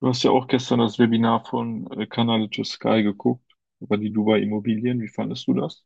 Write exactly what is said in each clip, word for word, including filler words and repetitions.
Du hast ja auch gestern das Webinar von äh, Canal to Sky geguckt über die Dubai Immobilien. Wie fandest du das?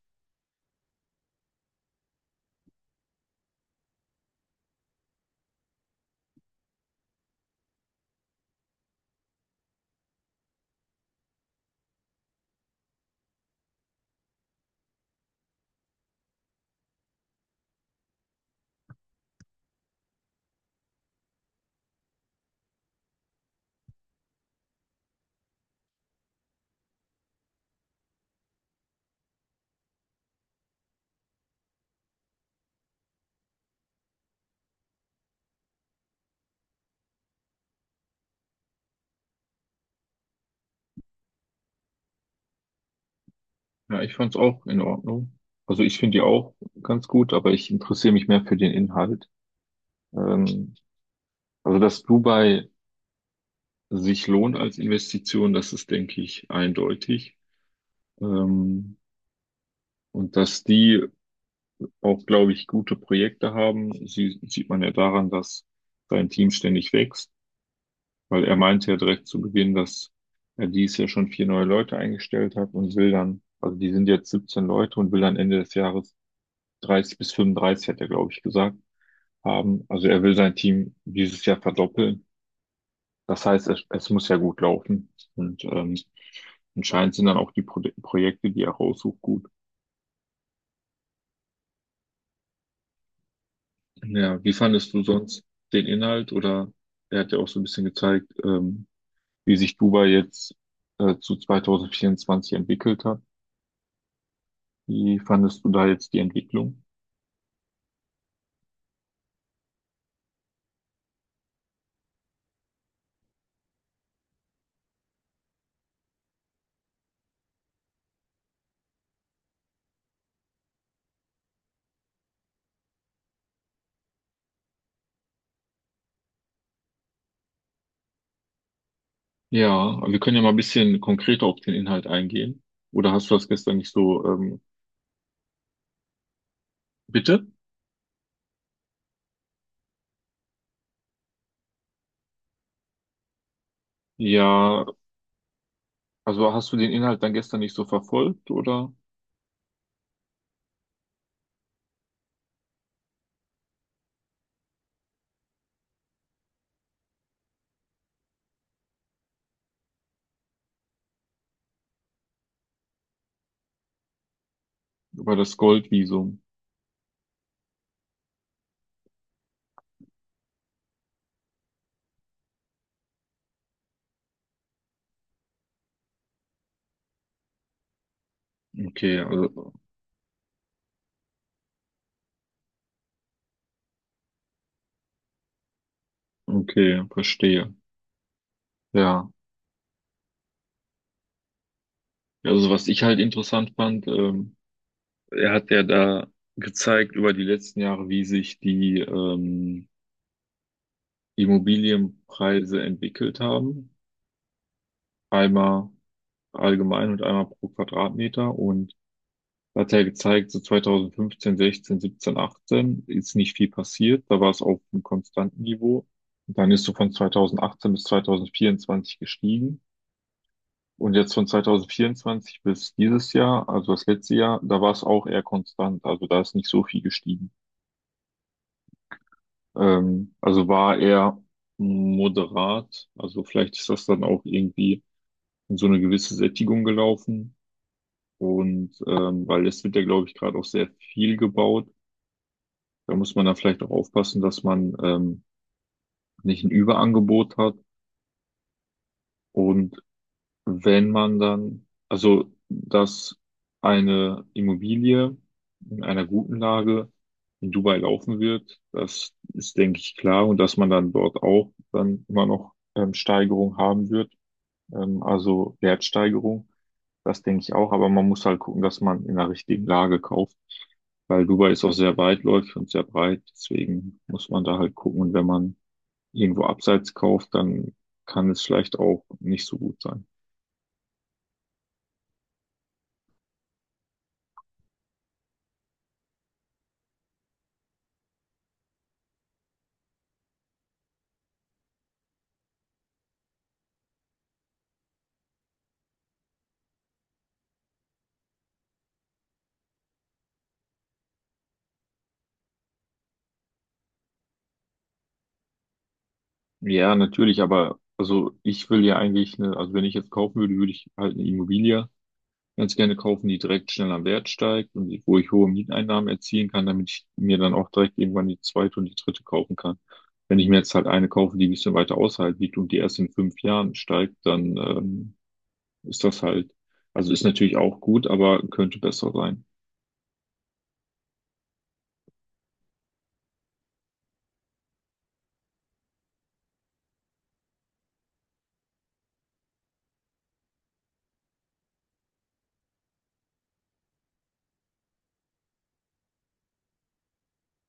Ja, ich fand es auch in Ordnung. Also ich finde die auch ganz gut, aber ich interessiere mich mehr für den Inhalt. Ähm, also dass Dubai sich lohnt als Investition, das ist, denke ich, eindeutig. Ähm, und dass die auch, glaube ich, gute Projekte haben, sie, sieht man ja daran, dass sein Team ständig wächst. Weil er meinte ja direkt zu Beginn, dass er dies Jahr schon vier neue Leute eingestellt hat und will dann, also die sind jetzt siebzehn Leute und will dann Ende des Jahres dreißig bis fünfunddreißig, hat er, glaube ich, gesagt, haben. Also er will sein Team dieses Jahr verdoppeln. Das heißt, es, es muss ja gut laufen. Und ähm, anscheinend sind dann auch die Pro Projekte, die er raussucht, gut. Ja, wie fandest du sonst den Inhalt? Oder er hat ja auch so ein bisschen gezeigt, ähm, wie sich Dubai jetzt äh, zu zweitausendvierundzwanzig entwickelt hat. Wie fandest du da jetzt die Entwicklung? Ja, aber wir können ja mal ein bisschen konkreter auf den Inhalt eingehen. Oder hast du das gestern nicht so, ähm, Bitte? Ja, also hast du den Inhalt dann gestern nicht so verfolgt oder über das Goldvisum? Okay, also, okay, verstehe. Ja, also was ich halt interessant fand, ähm, er hat ja da gezeigt über die letzten Jahre, wie sich die ähm, Immobilienpreise entwickelt haben. Einmal allgemein und einmal pro Quadratmeter. Und da hat er gezeigt, so zweitausendfünfzehn, sechzehn, siebzehn, achtzehn ist nicht viel passiert. Da war es auf einem konstanten Niveau. Und dann ist so von zweitausendachtzehn bis zweitausendvierundzwanzig gestiegen. Und jetzt von zweitausendvierundzwanzig bis dieses Jahr, also das letzte Jahr, da war es auch eher konstant. Also da ist nicht so viel gestiegen. Ähm, also war eher moderat. Also vielleicht ist das dann auch irgendwie in so eine gewisse Sättigung gelaufen. Und ähm, weil es wird ja, glaube ich, gerade auch sehr viel gebaut. Da muss man dann vielleicht auch aufpassen, dass man ähm, nicht ein Überangebot hat. Und wenn man dann, also dass eine Immobilie in einer guten Lage in Dubai laufen wird, das ist, denke ich, klar. Und dass man dann dort auch dann immer noch ähm, Steigerung haben wird, ähm, also Wertsteigerung. Das denke ich auch, aber man muss halt gucken, dass man in der richtigen Lage kauft, weil Dubai ist auch sehr weitläufig und sehr breit, deswegen muss man da halt gucken. Und wenn man irgendwo abseits kauft, dann kann es vielleicht auch nicht so gut sein. Ja, natürlich, aber also ich will ja eigentlich eine, also wenn ich jetzt kaufen würde, würde ich halt eine Immobilie ganz gerne kaufen, die direkt schnell am Wert steigt und wo ich hohe Mieteinnahmen erzielen kann, damit ich mir dann auch direkt irgendwann die zweite und die dritte kaufen kann. Wenn ich mir jetzt halt eine kaufe, die ein bisschen weiter außerhalb liegt und die erst in fünf Jahren steigt, dann ähm, ist das halt, also ist natürlich auch gut, aber könnte besser sein.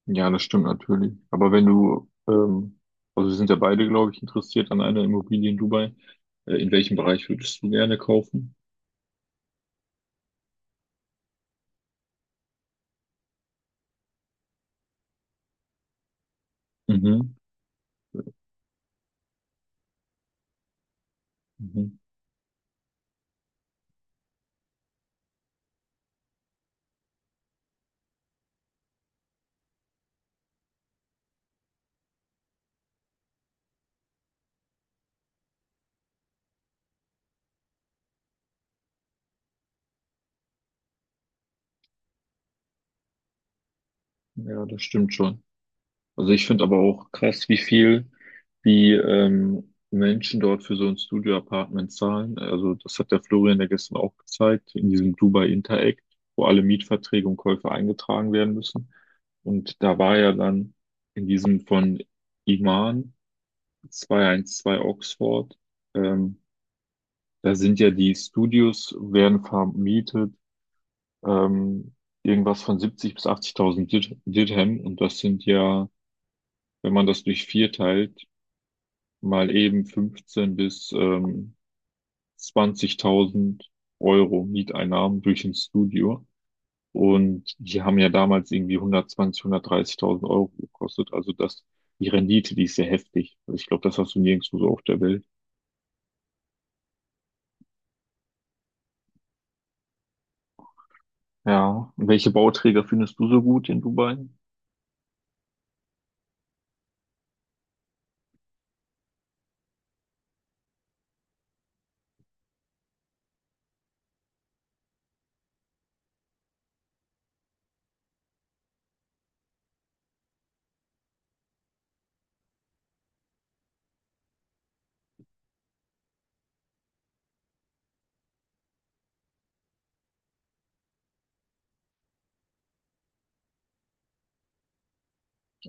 Ja, das stimmt natürlich. Aber wenn du, ähm, also wir sind ja beide, glaube ich, interessiert an einer Immobilie in Dubai. Äh, in welchem Bereich würdest du gerne kaufen? Mhm. Mhm. Ja, das stimmt schon. Also ich finde aber auch krass, wie viel die ähm, Menschen dort für so ein Studio-Apartment zahlen. Also das hat der Florian ja gestern auch gezeigt, in diesem Dubai Interact, wo alle Mietverträge und Käufe eingetragen werden müssen. Und da war ja dann in diesem von Iman zweihundertzwölf Oxford, ähm, da sind ja die Studios, werden vermietet, ähm, irgendwas von siebzig bis achtzigtausend Dir- Dirham. Und das sind ja, wenn man das durch vier teilt, mal eben fünfzehn bis ähm, zwanzigtausend Euro Mieteinnahmen durch ein Studio. Und die haben ja damals irgendwie hundertzwanzig, hundertdreißigtausend Euro gekostet. Also das, die Rendite, die ist sehr heftig. Also ich glaube, das hast du nirgendwo so auf der Welt. Ja. Und welche Bauträger findest du so gut in Dubai?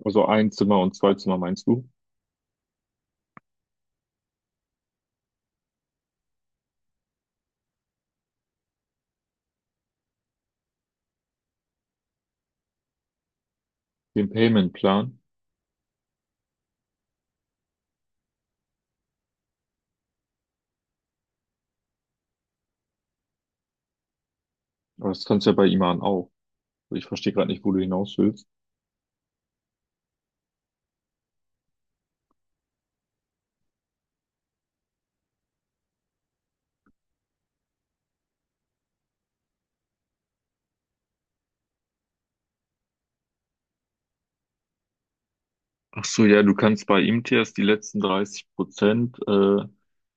Also ein Zimmer und zwei Zimmer meinst du? Den Payment-Plan. Aber das kannst du ja bei Iman auch. Also ich verstehe gerade nicht, wo du hinaus willst. Ach so, ja, du kannst bei I M T S die letzten dreißig Prozent, äh,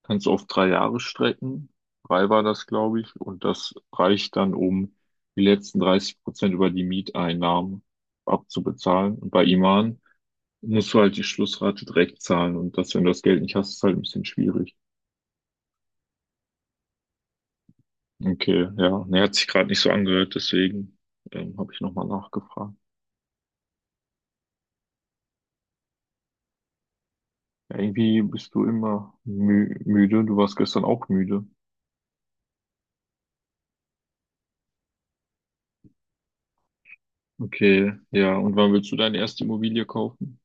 kannst du auf drei Jahre strecken. Drei war das, glaube ich. Und das reicht dann, um die letzten dreißig Prozent über die Mieteinnahmen abzubezahlen. Und bei Iman musst du halt die Schlussrate direkt zahlen. Und das, wenn du das Geld nicht hast, ist halt ein bisschen schwierig. Okay, ja. Ne, hat sich gerade nicht so angehört, deswegen, ähm, habe ich nochmal nachgefragt. Ja, irgendwie bist du immer mü müde. Du warst gestern auch müde. Okay, ja. Und wann willst du deine erste Immobilie kaufen?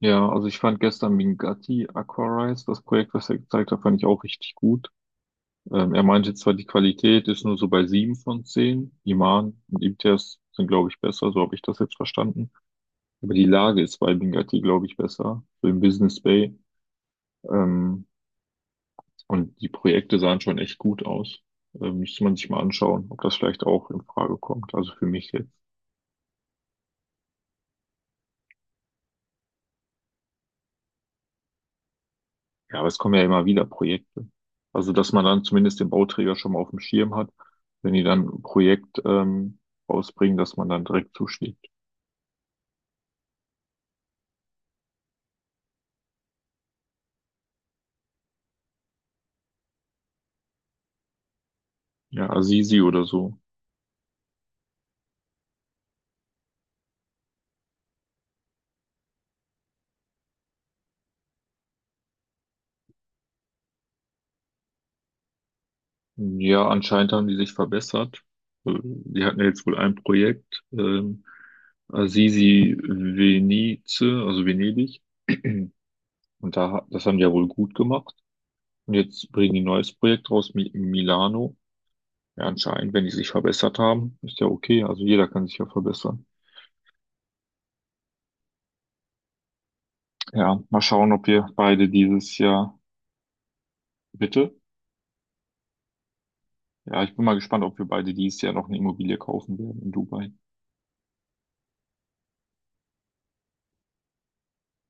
Ja, also ich fand gestern Mingati Aquarise, das Projekt, was er gezeigt hat, fand ich auch richtig gut. Ähm, er meinte zwar, die Qualität ist nur so bei sieben von zehn. Iman und Imtiaz sind, glaube ich, besser, so habe ich das jetzt verstanden. Aber die Lage ist bei Mingati glaube ich, besser, so im Business Bay. Ähm, und die Projekte sahen schon echt gut aus. Ähm, müsste man sich mal anschauen, ob das vielleicht auch in Frage kommt. Also für mich jetzt. Ja, aber es kommen ja immer wieder Projekte. Also, dass man dann zumindest den Bauträger schon mal auf dem Schirm hat, wenn die dann ein Projekt ähm, rausbringen, dass man dann direkt zuschlägt. Ja, Assisi oder so. Ja, anscheinend haben die sich verbessert. Äh, Die hatten ja jetzt wohl ein Projekt, ähm, Assisi Venice, also Venedig. Und da, ha- das haben die ja wohl gut gemacht. Und jetzt bringen die ein neues Projekt raus, Mi Milano. Ja, anscheinend, wenn die sich verbessert haben, ist ja okay. Also jeder kann sich ja verbessern. Ja, mal schauen, ob wir beide dieses Jahr, bitte. Ja, ich bin mal gespannt, ob wir beide dieses Jahr noch eine Immobilie kaufen werden in Dubai.